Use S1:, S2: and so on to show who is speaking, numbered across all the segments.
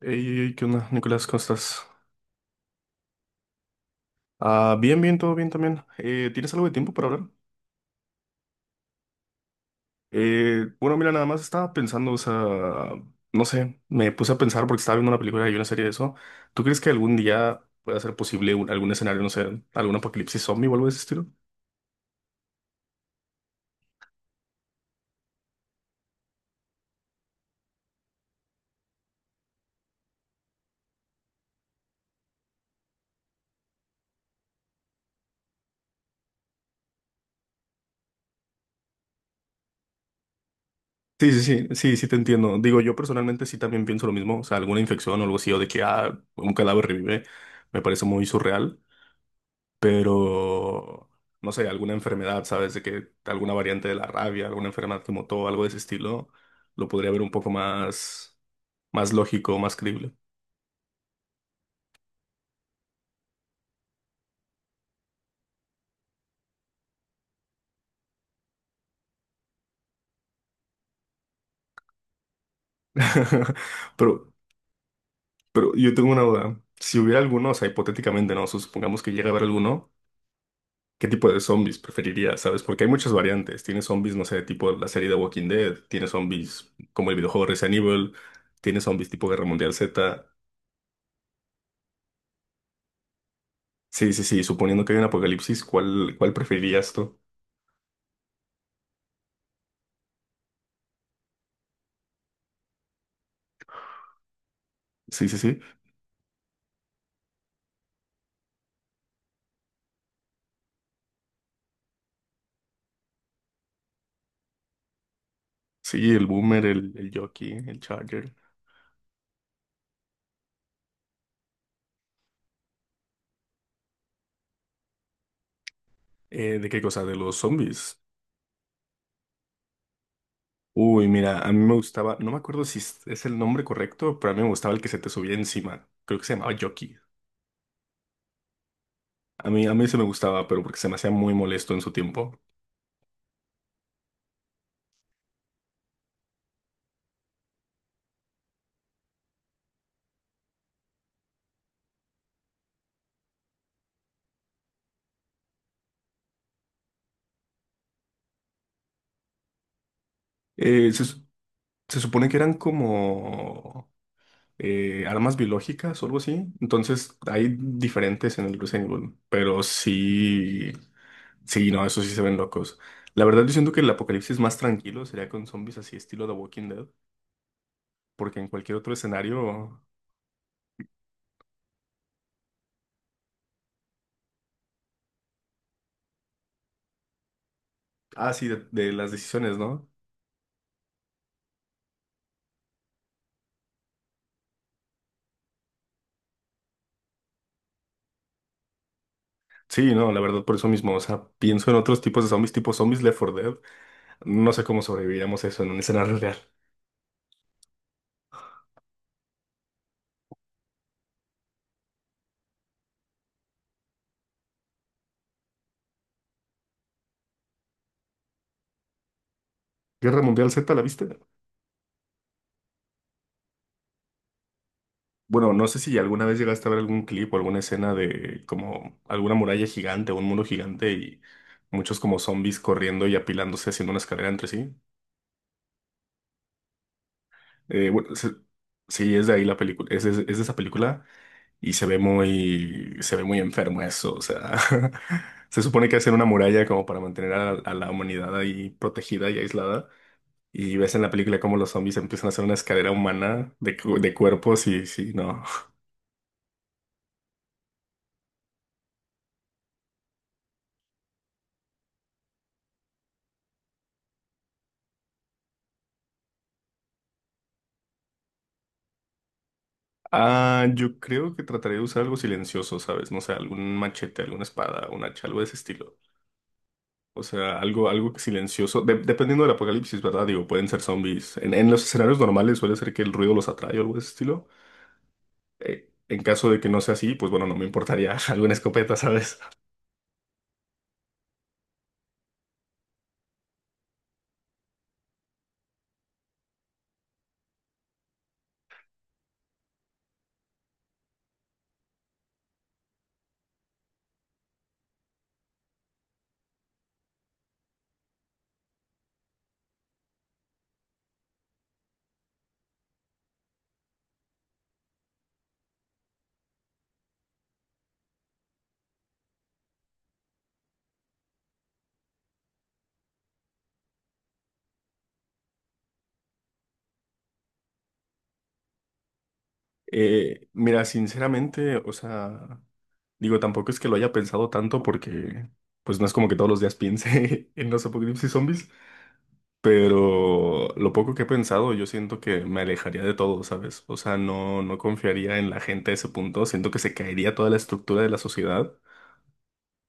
S1: Ey, ey, ey, ¿qué onda, Nicolás? ¿Cómo estás? Ah, bien, bien, todo bien también. ¿Tienes algo de tiempo para hablar? Bueno, mira, nada más estaba pensando, o sea, no sé, me puse a pensar porque estaba viendo una película y una serie de eso. ¿Tú crees que algún día pueda ser posible algún escenario, no sé, algún apocalipsis zombie o algo de ese estilo? Sí, sí, sí, sí, sí te entiendo. Digo, yo personalmente sí también pienso lo mismo, o sea, alguna infección o algo así, o de que ah, un cadáver revive, me parece muy surreal. Pero no sé, alguna enfermedad, ¿sabes? De que alguna variante de la rabia, alguna enfermedad como todo algo de ese estilo, lo podría ver un poco más, más lógico, más creíble. Pero, pero yo tengo una duda. Si hubiera alguno, o sea, hipotéticamente, ¿no? Supongamos que llega a haber alguno, ¿qué tipo de zombies preferirías, ¿sabes? Porque hay muchas variantes. Tienes zombies, no sé, tipo la serie de Walking Dead, tienes zombies como el videojuego Resident Evil, tienes zombies tipo Guerra Mundial Z. Sí, sí, sí, suponiendo que hay un apocalipsis, ¿cuál, cuál preferirías tú? Sí, sí, sí. Sí, el Boomer, el Jockey, el Charger. ¿De qué cosa? De los zombies. Uy, mira, a mí me gustaba, no me acuerdo si es el nombre correcto, pero a mí me gustaba el que se te subía encima. Creo que se llamaba Jockey. A mí se me gustaba, pero porque se me hacía muy molesto en su tiempo. Eh, se, su- Se supone que eran como… armas biológicas o algo así. Entonces hay diferentes en el Resident Evil, pero sí, sí, no, eso sí se ven locos. La verdad, yo siento que el apocalipsis más tranquilo sería con zombies así estilo The Walking Dead, porque en cualquier otro escenario, ah, sí, de las decisiones, ¿no? Sí, no, la verdad, por eso mismo, o sea, pienso en otros tipos de zombies, tipo zombies Left 4 Dead, no sé cómo sobreviviríamos a eso en un escenario real. Guerra Mundial Z, ¿la viste? Bueno, no sé si alguna vez llegaste a ver algún clip o alguna escena de como alguna muralla gigante o un muro gigante y muchos como zombies corriendo y apilándose haciendo una escalera entre sí. Eh, bueno, se- sí, es de ahí la película, es de esa película y se ve muy enfermo eso, o sea, se supone que hacen una muralla como para mantener a la humanidad ahí protegida y aislada y ves en la película cómo los zombies empiezan a hacer una escalera humana de, de cuerpos y sí, no. Ah, yo creo que trataré de usar algo silencioso, ¿sabes? No sé, algún machete, alguna espada, un hacha, algo de ese estilo. O sea, algo, algo que silencioso. Dependiendo del apocalipsis, ¿verdad? Digo, pueden ser zombies. En los escenarios normales suele ser que el ruido los atrae o algo de ese estilo. En caso de que no sea así, pues bueno, no me importaría alguna escopeta, ¿sabes? Mira, sinceramente, o sea, digo, tampoco es que lo haya pensado tanto porque, pues no es como que todos los días piense en los apocalipsis zombies. Pero lo poco que he pensado, yo siento que me alejaría de todo, ¿sabes? O sea, no, no confiaría en la gente a ese punto. Siento que se caería toda la estructura de la sociedad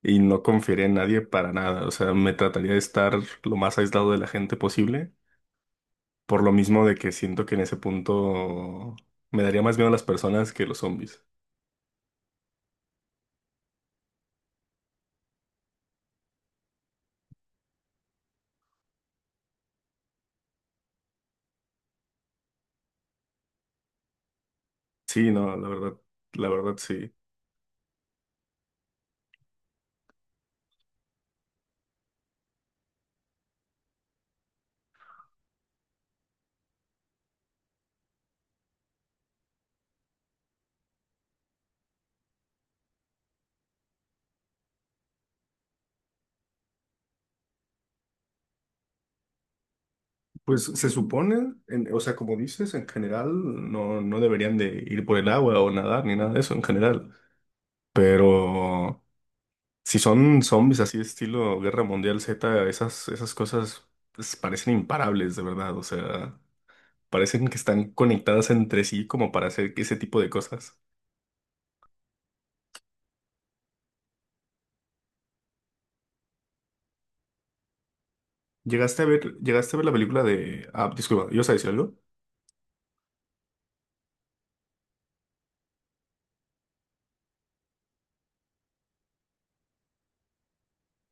S1: y no confiaría en nadie para nada. O sea, me trataría de estar lo más aislado de la gente posible. Por lo mismo de que siento que en ese punto me daría más miedo a las personas que los zombies. Sí, no, la verdad sí. Pues se supone, o sea, como dices, en general no, no deberían de ir por el agua o nadar ni nada de eso en general. Pero si son zombies así de estilo Guerra Mundial Z, esas, esas cosas pues, parecen imparables, de verdad. O sea, parecen que están conectadas entre sí como para hacer ese tipo de cosas. Llegaste a ver la película de… Ah, disculpa, ¿ibas a decir algo?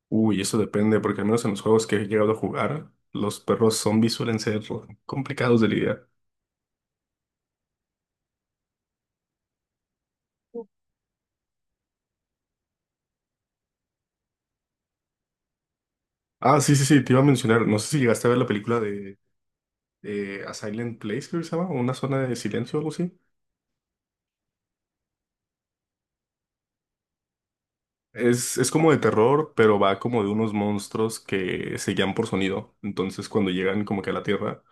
S1: Uy, eso depende, porque al menos en los juegos que he llegado a jugar, los perros zombies suelen ser complicados de lidiar. Ah, sí, sí, sí, te iba a mencionar. No sé si llegaste a ver la película de A Silent Place, creo que se llama, una zona de silencio o algo así. Es como de terror, pero va como de unos monstruos que se guían por sonido. Entonces, cuando llegan como que a la Tierra,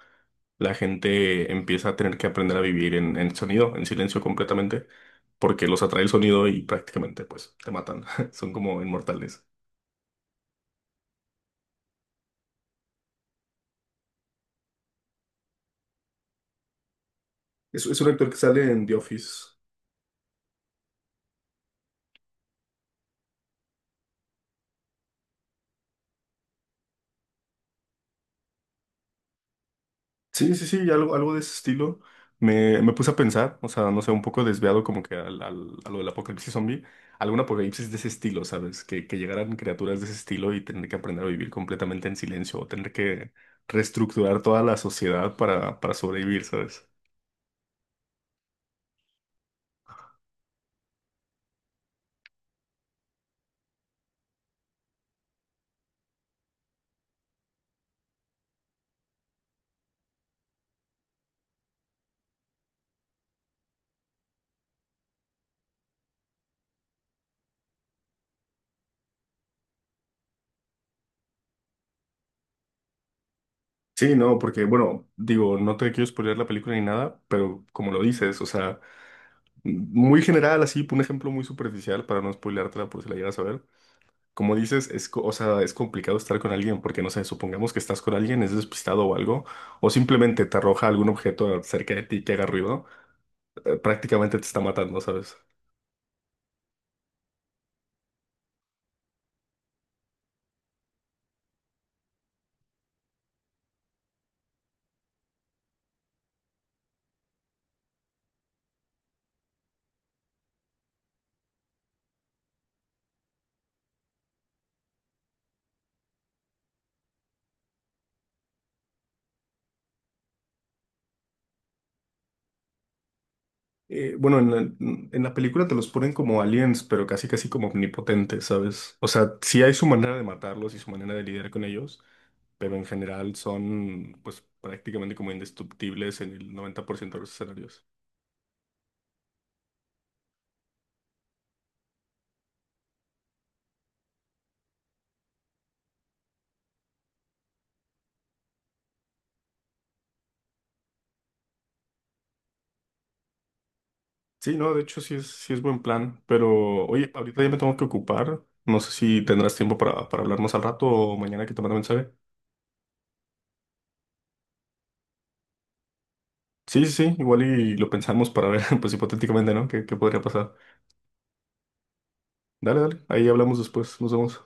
S1: la gente empieza a tener que aprender a vivir en sonido, en silencio completamente, porque los atrae el sonido y prácticamente pues te matan. Son como inmortales. Es un actor que sale en The Office. Sí, sí, sí, algo, algo de ese estilo. Me puse a pensar, o sea, no sé, un poco desviado como que al, a lo del apocalipsis zombie, algún apocalipsis de ese estilo, ¿sabes? Que llegaran criaturas de ese estilo y tener que aprender a vivir completamente en silencio o tener que reestructurar toda la sociedad para sobrevivir, ¿sabes? Sí, no, porque, bueno, digo, no te quiero spoilear la película ni nada, pero como lo dices, o sea, muy general, así, un ejemplo muy superficial para no spoileártela por si la llegas a ver. Como dices, es, o sea, es complicado estar con alguien porque, no sé, supongamos que estás con alguien, es despistado o algo, o simplemente te arroja algún objeto cerca de ti que haga ruido, prácticamente te está matando, ¿sabes? Eh, bueno, en la, en la película te los ponen como aliens, pero casi casi como omnipotentes, ¿sabes? O sea, sí hay su manera de matarlos y su manera de lidiar con ellos, pero en general son, pues, prácticamente como indestructibles en el 90% de los escenarios. Sí, no, de hecho sí es buen plan, pero oye, ahorita ya me tengo que ocupar. No sé si tendrás tiempo para hablar más al rato o mañana que te mande mensaje. Sí, sí, sí, igual y lo pensamos para ver, pues hipotéticamente, ¿no? ¿Qué, qué podría pasar? Dale, dale, ahí hablamos después, nos vemos.